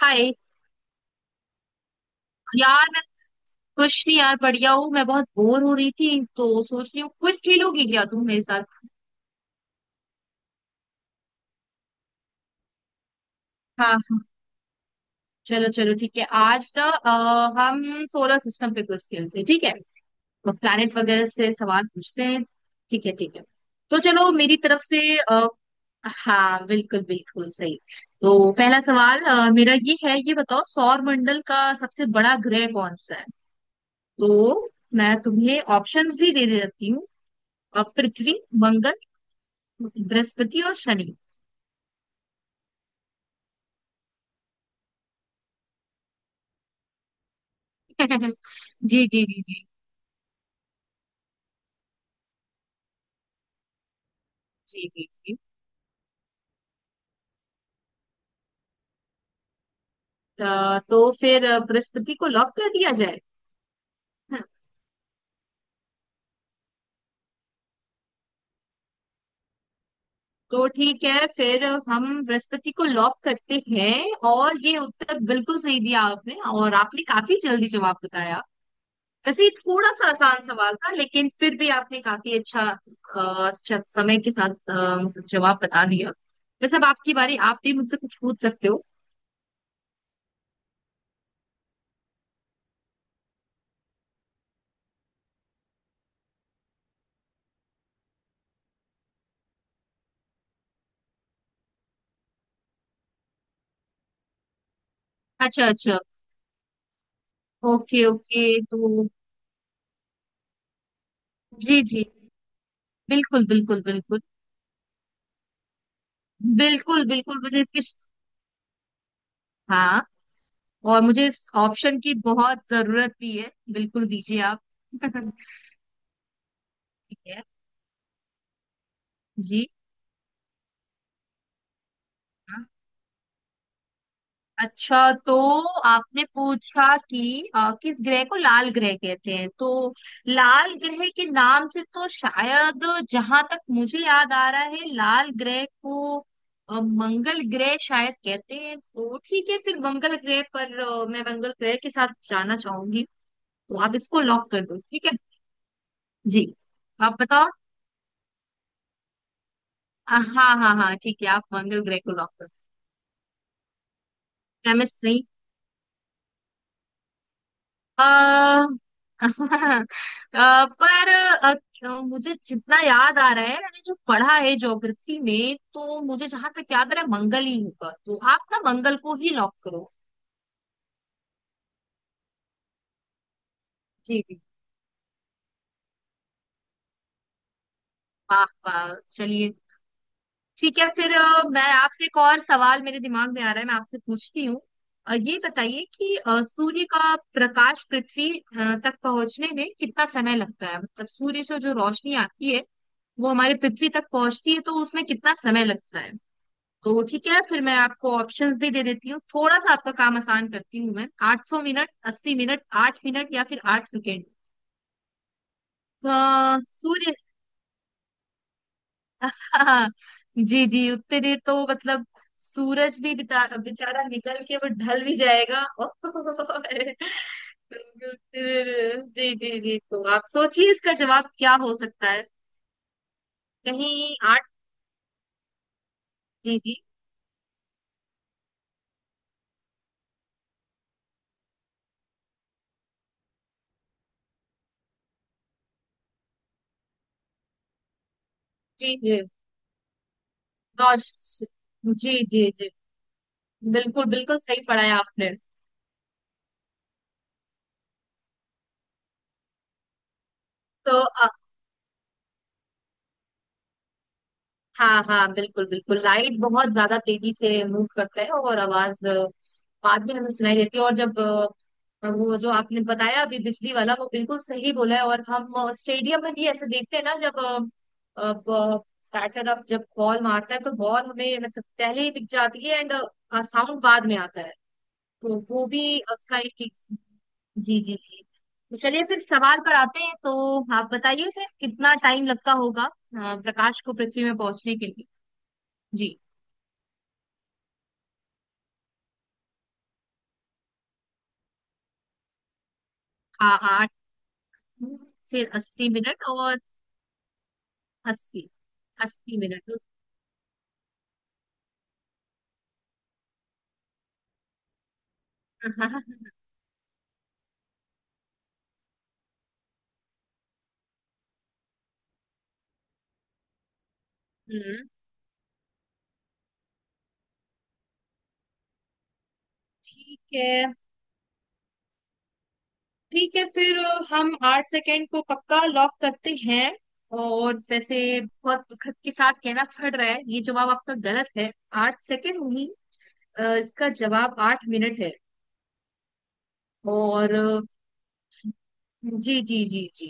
हाय। यार मैं कुछ नहीं यार, बढ़िया हूँ। मैं बहुत बोर हो रही थी तो सोच रही हूँ कुछ खेलोगी क्या तुम मेरे साथ। हाँ हाँ। चलो चलो ठीक है। आज ना हम सोलर सिस्टम पे कुछ खेलते हैं ठीक है। तो प्लैनेट वगैरह से सवाल पूछते हैं। ठीक है ठीक है। तो चलो मेरी तरफ से हाँ बिल्कुल बिल्कुल सही। तो पहला सवाल मेरा ये है, ये बताओ सौर मंडल का सबसे बड़ा ग्रह कौन सा है। तो मैं तुम्हें ऑप्शंस भी दे देती हूँ। पृथ्वी, मंगल, बृहस्पति और शनि। जी जी जी जी जी जी जी। तो फिर बृहस्पति को लॉक कर दिया जाए। हाँ, तो ठीक है फिर हम बृहस्पति को लॉक करते हैं। और ये उत्तर बिल्कुल सही दिया आपने, और आपने काफी जल्दी जवाब बताया। वैसे ये थोड़ा सा आसान सवाल था लेकिन फिर भी आपने काफी अच्छा अच्छा समय के साथ मतलब जवाब बता दिया। वैसे अब आपकी बारी, आप भी मुझसे कुछ पूछ सकते हो। अच्छा अच्छा। Okay okay. तो जी जी। बिल्कुल बिल्कुल बिल्कुल। बिल्कुल बिल्कुल मुझे इसकी। हाँ। और मुझे इस ऑप्शन की बहुत जरूरत भी है, बिल्कुल दीजिए आप। ठीक है। जी। हाँ। अच्छा तो आपने पूछा कि किस ग्रह को लाल ग्रह कहते हैं, तो लाल ग्रह के नाम से तो शायद जहां तक मुझे याद आ रहा है, लाल ग्रह को मंगल ग्रह शायद कहते हैं, तो ठीक है फिर मंगल ग्रह पर मैं मंगल ग्रह के साथ जाना चाहूंगी। तो आप इसको लॉक कर दो, ठीक है। जी। आप बताओ। हाँ हाँ हाँ ठीक है, आप मंगल ग्रह को लॉक कर दो। मैं सही आ, पर मुझे जितना याद आ रहा है, मैंने जो पढ़ा है ज्योग्राफी में तो मुझे जहां तक याद आ रहा है मंगल ही होगा, तो आप ना मंगल को ही लॉक करो। जी जी। वाह वाह चलिए। ठीक है, फिर मैं आपसे एक और सवाल मेरे दिमाग में आ रहा है, मैं आपसे पूछती हूँ। ये बताइए कि सूर्य का प्रकाश पृथ्वी तक पहुंचने में कितना समय लगता है, मतलब सूर्य से जो रोशनी आती है वो हमारे पृथ्वी तक पहुंचती है तो उसमें कितना समय लगता है। तो ठीक है फिर मैं आपको ऑप्शंस भी दे देती हूँ, थोड़ा सा आपका काम आसान करती हूँ। मैं 800 मिनट, 80 मिनट, 8 मिनट, या फिर 8 सेकेंड। सूर्य। हाँ। जी जी। उतने देर तो मतलब सूरज भी बिता बेचारा निकल के वो ढल भी जाएगा और क्योंकि उतने देर। जी जी जी, तो आप सोचिए इसका जवाब क्या हो सकता है। कहीं आठ। जी जी जी जी। रोश। जी जी जी। बिल्कुल बिल्कुल सही पढ़ा है आपने। तो हाँ हाँ, बिल्कुल बिल्कुल लाइट बहुत ज्यादा तेजी से मूव करता है और आवाज बाद में हमें सुनाई देती है। और जब वो जो आपने बताया अभी बिजली वाला, वो बिल्कुल सही बोला है, और हम स्टेडियम में भी ऐसे देखते हैं ना, जब अब बैटर अब जब बॉल मारता है तो बॉल हमें मतलब पहले ही दिख जाती है, एंड साउंड बाद में आता है। तो वो भी उसका एक एक-। जी जी जी। तो चलिए फिर सवाल पर आते हैं। तो आप बताइए फिर कितना टाइम लगता होगा प्रकाश को पृथ्वी में पहुंचने के लिए। जी। हाँ आठ। फिर 80 मिनट और अस्सी, अस्सी मिनट उस-। हम्म। ठीक है। ठीक है फिर हम 8 सेकेंड को पक्का लॉक करते हैं। और वैसे बहुत दुखद के साथ कहना पड़ रहा है, ये जवाब आपका गलत है। 8 सेकेंड नहीं, इसका जवाब 8 मिनट है। और जी जी जी जी।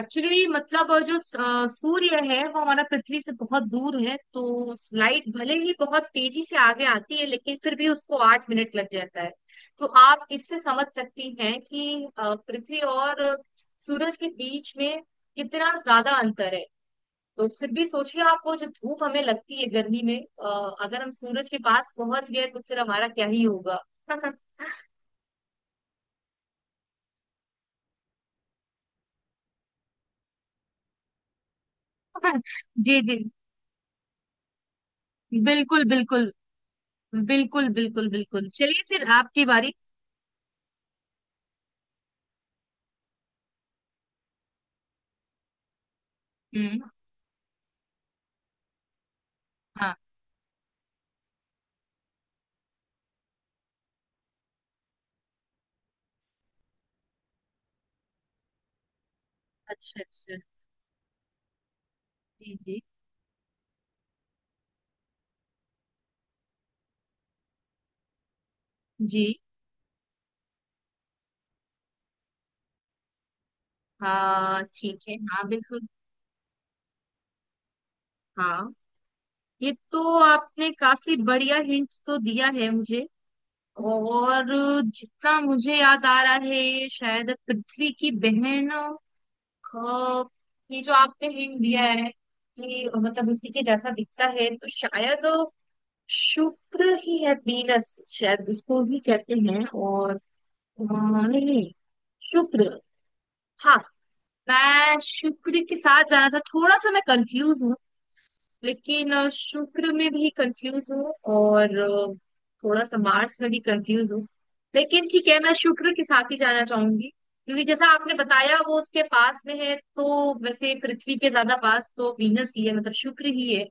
एक्चुअली मतलब जो सूर्य है वो हमारा पृथ्वी से बहुत दूर है, तो लाइट भले ही बहुत तेजी से आगे आती है लेकिन फिर भी उसको 8 मिनट लग जाता है। तो आप इससे समझ सकती हैं कि पृथ्वी और सूरज के बीच में कितना ज्यादा अंतर है। तो फिर भी सोचिए आप, वो जो धूप हमें लगती है गर्मी में, अगर हम सूरज के पास पहुंच गए तो फिर हमारा क्या ही होगा। जी जी। बिल्कुल बिल्कुल। बिल्कुल बिल्कुल बिल्कुल चलिए फिर आपकी बारी। हम्म। हाँ अच्छा अच्छा। जी जी जी। हाँ ठीक है हाँ बिल्कुल। हाँ। ये तो आपने काफी बढ़िया हिंट तो दिया है मुझे। और जितना मुझे याद आ रहा है, ये शायद पृथ्वी की बहनों का ये जो आपने हिंट दिया है कि मतलब उसी के जैसा दिखता है, तो शायद शुक्र ही है। वीनस शायद उसको ही कहते हैं। और नहीं, शुक्र। हाँ। मैं शुक्र के साथ जाना था, थोड़ा सा मैं कंफ्यूज हूँ। लेकिन शुक्र में भी कंफ्यूज हूँ, और थोड़ा सा मार्स में भी कंफ्यूज हूँ। लेकिन ठीक है, मैं शुक्र के साथ ही जाना चाहूंगी क्योंकि जैसा आपने बताया वो उसके पास में है, तो वैसे पृथ्वी के ज्यादा पास तो वीनस ही है, मतलब शुक्र ही है।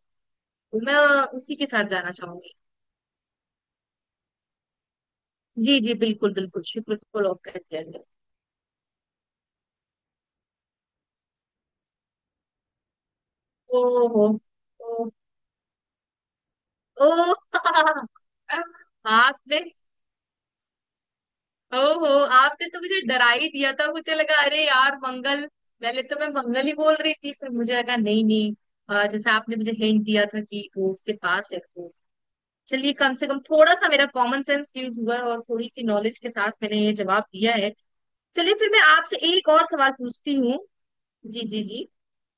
तो मैं उसी के साथ जाना चाहूंगी। जी जी। बिल्कुल बिल्कुल, शुक्र को लॉक कर दिया जाए। ओ हो। ओ आपने। ओहो, आपने तो मुझे डरा ही दिया था, मुझे लगा अरे यार मंगल। पहले तो मैं मंगल ही बोल रही थी, फिर मुझे लगा नहीं नहीं, जैसे आपने मुझे हिंट दिया था कि वो उसके पास है, तो चलिए कम से कम थोड़ा सा मेरा कॉमन सेंस यूज हुआ है, और थोड़ी सी नॉलेज के साथ मैंने ये जवाब दिया है। चलिए फिर मैं आपसे एक और सवाल पूछती हूँ। जी जी जी।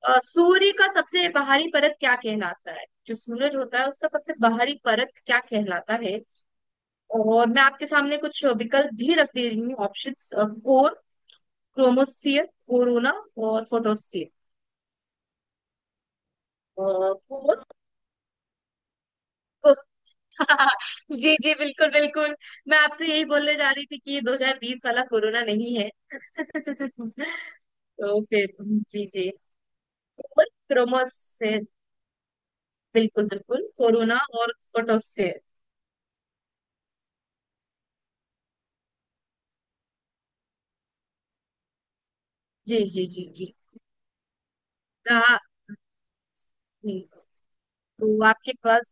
सूर्य का सबसे बाहरी परत क्या कहलाता है, जो सूरज होता है उसका सबसे बाहरी परत क्या कहलाता है। और मैं आपके सामने कुछ विकल्प भी रख दे रही हूँ, ऑप्शंस — कोर, क्रोमोस्फियर, कोरोना और फोटोस्फियर। कोर। जी जी बिल्कुल बिल्कुल, मैं आपसे यही बोलने जा रही थी कि ये 2020 वाला कोरोना नहीं है। तो फिर जी जी। कोर, क्रोमोस्फेयर, बिल्कुल बिल्कुल कोरोना और फोटोस्फेयर। जी जी जी जी। हाँ। जी। तो आपके पास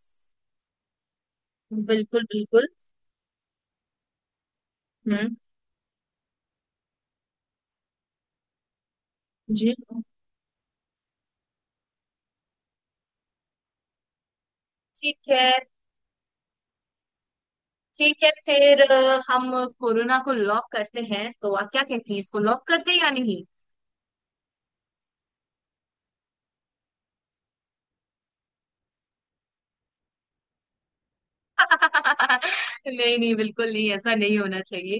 बिल्कुल बिल्कुल। हम्म। जी। ठीक है, ठीक है फिर हम कोरोना को लॉक करते हैं, तो आप क्या कहती हैं इसको लॉक करते हैं या नहीं। नहीं नहीं बिल्कुल नहीं, ऐसा नहीं होना चाहिए।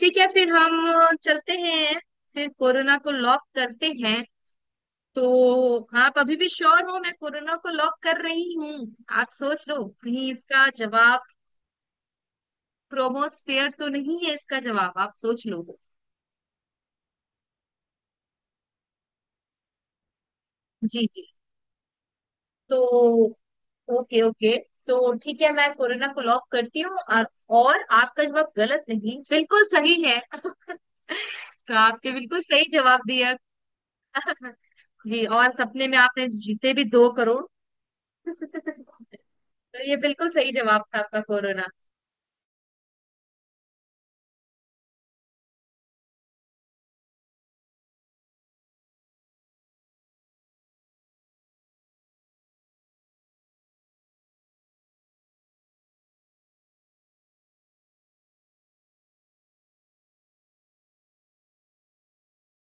ठीक है, फिर हम चलते हैं, फिर कोरोना को लॉक करते हैं। तो आप अभी भी श्योर हो, मैं कोरोना को लॉक कर रही हूँ। आप सोच लो कहीं इसका जवाब प्रोमोस्फेयर तो नहीं है, इसका जवाब आप सोच लो। जी जी। तो ओके ओके। तो ठीक है मैं कोरोना को लॉक करती हूँ, और आपका जवाब गलत नहीं, बिल्कुल सही है। तो आपके बिल्कुल सही जवाब दिया। जी, और सपने में आपने जीते भी 2 करोड़। तो ये बिल्कुल सही जवाब था आपका कोरोना।